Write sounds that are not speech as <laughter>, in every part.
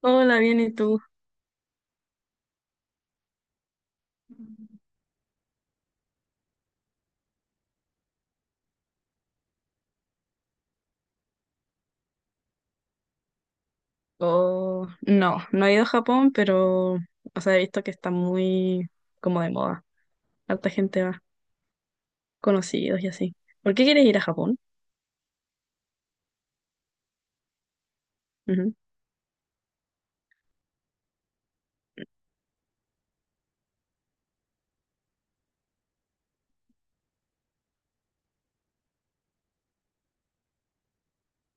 Hola, bien, ¿y tú? Oh, no, no he ido a Japón, pero, o sea, he visto que está muy como de moda. Harta gente va, conocidos y así. ¿Por qué quieres ir a Japón? Ujú,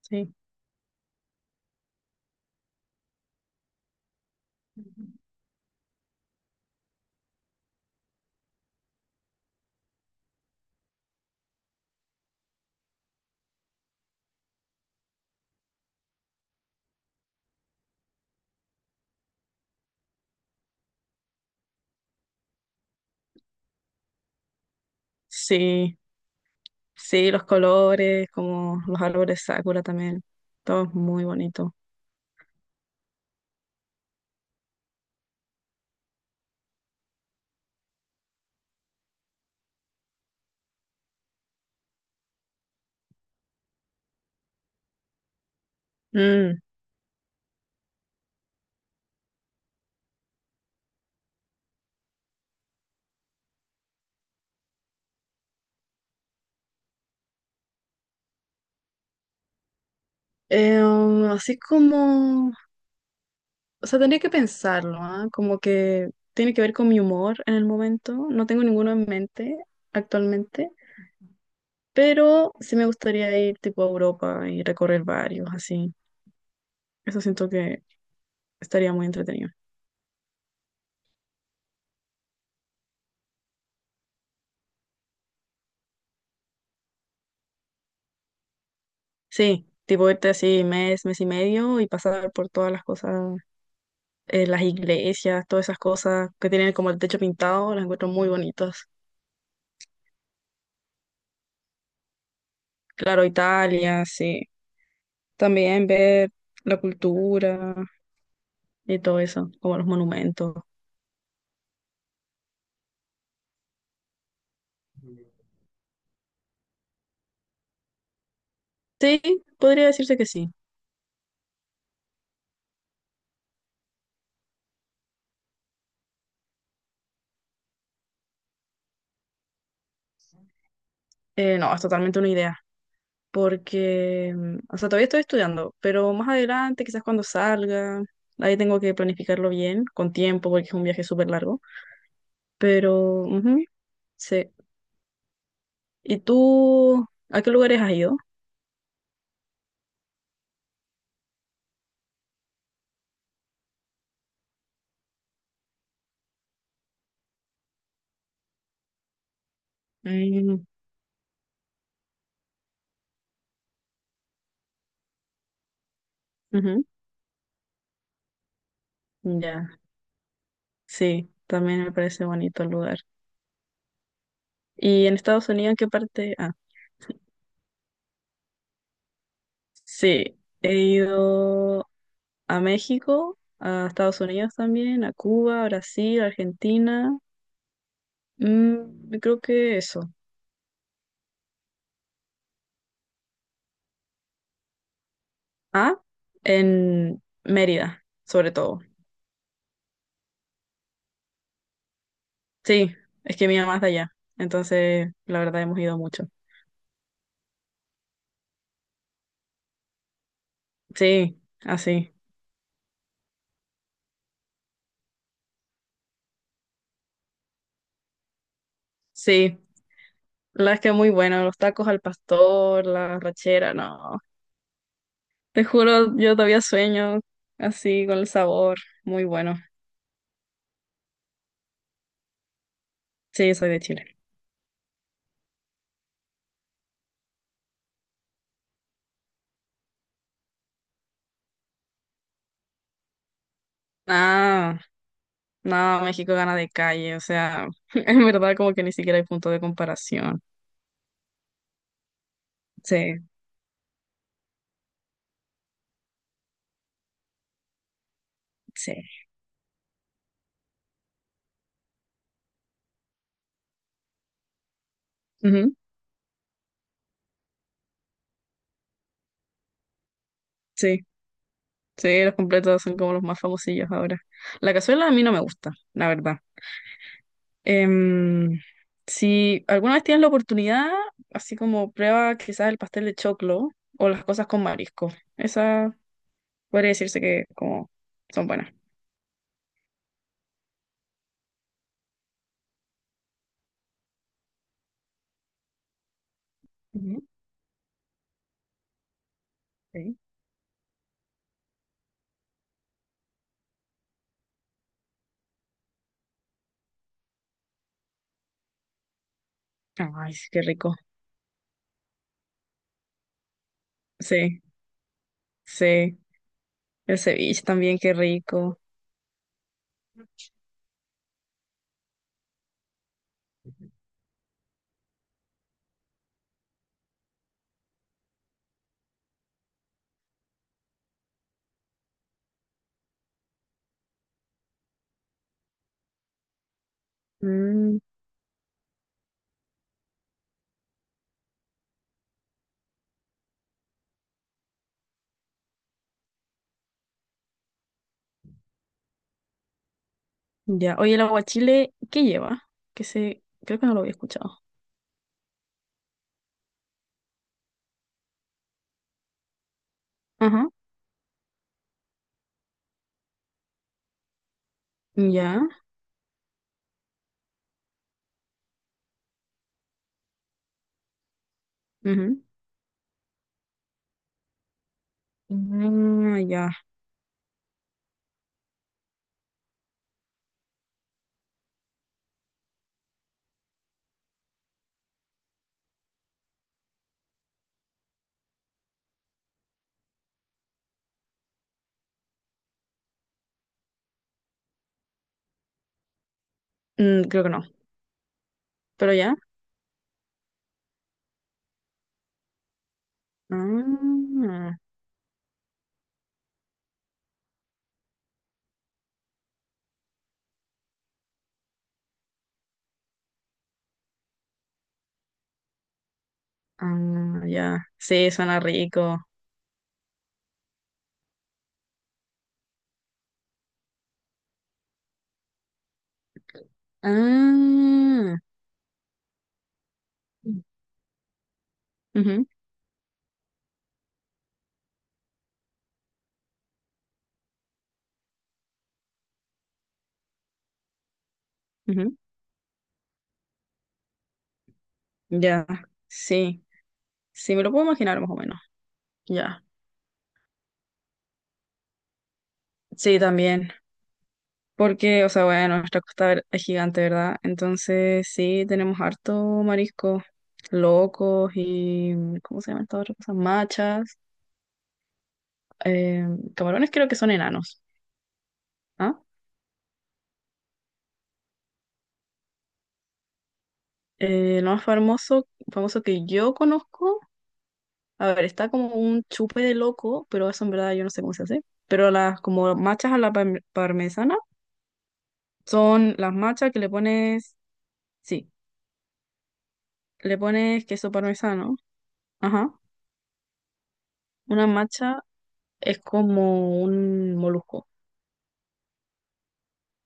sí. Sí, sí, los colores, como los árboles Sakura también. Todo es muy bonito. Mm, así como, o sea, tendría que pensarlo, ¿ah? Como que tiene que ver con mi humor en el momento. No tengo ninguno en mente actualmente. Pero sí me gustaría ir tipo a Europa y recorrer varios, así. Eso siento que estaría muy entretenido. Sí, tipo irte así mes, mes y medio y pasar por todas las cosas, las iglesias, todas esas cosas que tienen como el techo pintado, las encuentro muy bonitas. Claro, Italia, sí. También ver la cultura y todo eso, como los monumentos. Sí, podría decirse que sí. No, es totalmente una idea. Porque, o sea, todavía estoy estudiando, pero más adelante, quizás cuando salga, ahí tengo que planificarlo bien, con tiempo, porque es un viaje súper largo, pero, ujú, sí. ¿Y tú, a qué lugares has ido? Mm, ujú, ya, sí, también me parece bonito el lugar. ¿Y en Estados Unidos, en qué parte? Ah, sí, he ido a México, a Estados Unidos también, a Cuba, Brasil, Argentina. Mm, creo que eso. Ah, en Mérida, sobre todo. Sí, es que mi mamá es de allá, entonces la verdad hemos ido mucho. Sí, así. Sí, la verdad es que muy bueno, los tacos al pastor, la rachera, no. Te juro, yo todavía sueño así con el sabor, muy bueno. Sí, soy de Chile. Ah, no, México gana de calle, o sea, <laughs> en verdad como que ni siquiera hay punto de comparación. Sí, sí. Ujú, sí. Sí, los completos son como los más famosillos ahora. La cazuela a mí no me gusta, la verdad. Em, si alguna vez tienes la oportunidad, así como prueba quizás el pastel de choclo o las cosas con marisco. Esa podría decirse que como son buenas. Ujú, sí. Ay, sí, qué rico. Sí, sí. El ceviche también, qué rico. Mm, ya. Oye, el aguachile, ¿qué lleva? Creo que no lo había escuchado. Ajá. Ya. Ujú. Ah, ya. Mm, creo que no, pero ya. Ah, ah, ya. Sí, suena rico. Ah, ujú, ujú. Ya, sí. Sí, me lo puedo imaginar más o menos. Ya. Sí, también. Porque, o sea, bueno, nuestra costa es gigante, ¿verdad? Entonces, sí, tenemos harto marisco, locos y, ¿cómo se llaman estas otras cosas? Machas. Eh, Camarones creo que son enanos. ¿Ah? Lo más famoso, famoso que yo conozco. A ver, está como un chupe de loco, pero eso en verdad yo no sé cómo se hace. Pero las como machas a la parmesana son las machas que le pones, sí, le pones queso parmesano. Ajá. Una macha es como un molusco.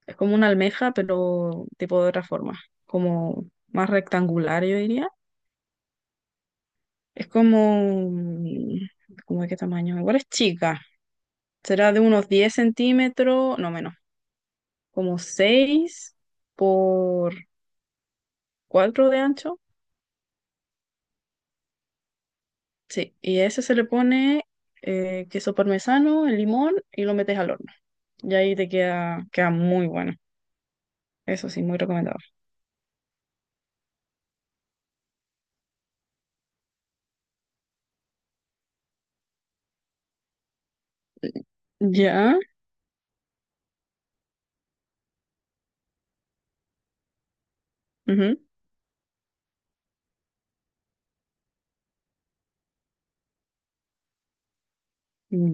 Es como una almeja, pero tipo de otra forma. Como más rectangular, yo diría. Es como, ¿cómo de qué tamaño? Igual es chica. Será de unos 10 centímetros, no menos. Como 6 por cuatro de ancho, sí, y a ese se le pone queso parmesano, el limón y lo metes al horno. Y ahí te queda, queda muy bueno. Eso sí, muy recomendado. Ya, ujú,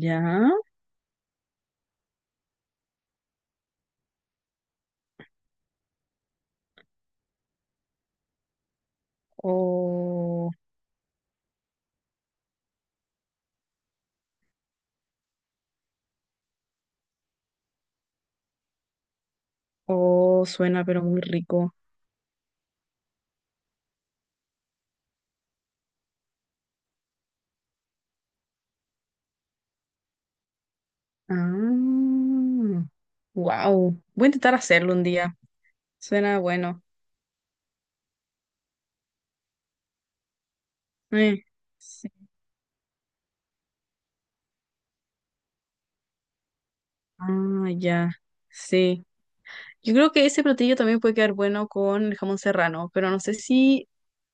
ya, o o suena pero muy rico. Ah, wow, voy a intentar hacerlo un día. Suena bueno. Eh, sí. Ah, ya, sí. Yo creo que ese platillo también puede quedar bueno con el jamón serrano, pero no sé si.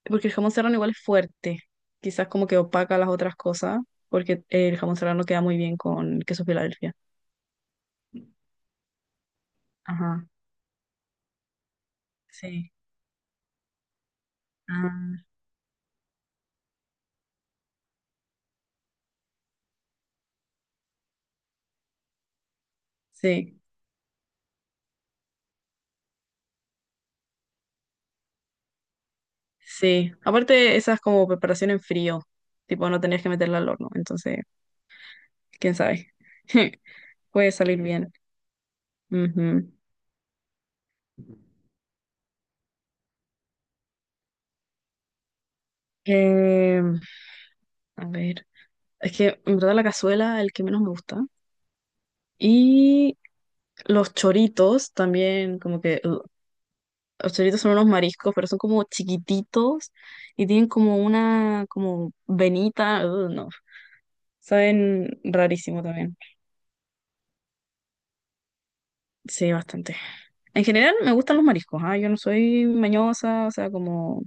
Porque el jamón serrano igual es fuerte. Quizás como que opaca las otras cosas, porque el jamón serrano queda muy bien con queso Filadelfia. Ajá, sí. Ah, sí, sí. Aparte, esa es como preparación en frío. Tipo, no tenías que meterla al horno. Entonces, quién sabe. <laughs> Puede salir bien. Ujú. Eh, a ver. Es que en verdad la cazuela es el que menos me gusta. Y los choritos también, como que. Hasta ahorita son unos mariscos, pero son como chiquititos y tienen como una como venita, no, saben rarísimo también. Sí, bastante. En general me gustan los mariscos. Yo no soy mañosa, o sea, como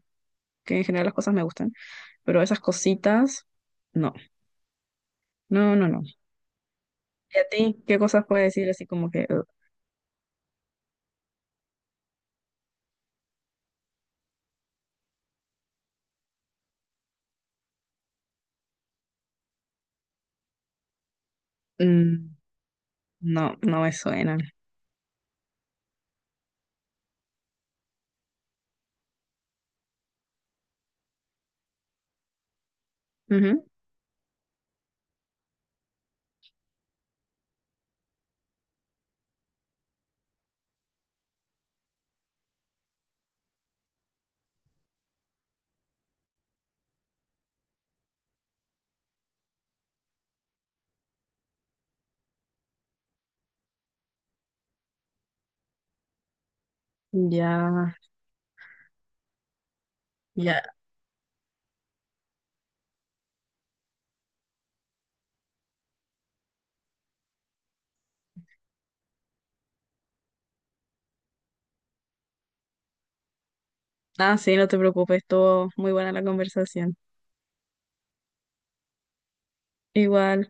que en general las cosas me gustan, pero esas cositas, no, no, no, no. ¿Y a ti qué cosas puedes decir así como que mm, no, no me suenan? Ujú. Ya, ya. Ah, sí, no te preocupes, todo muy buena la conversación. Igual.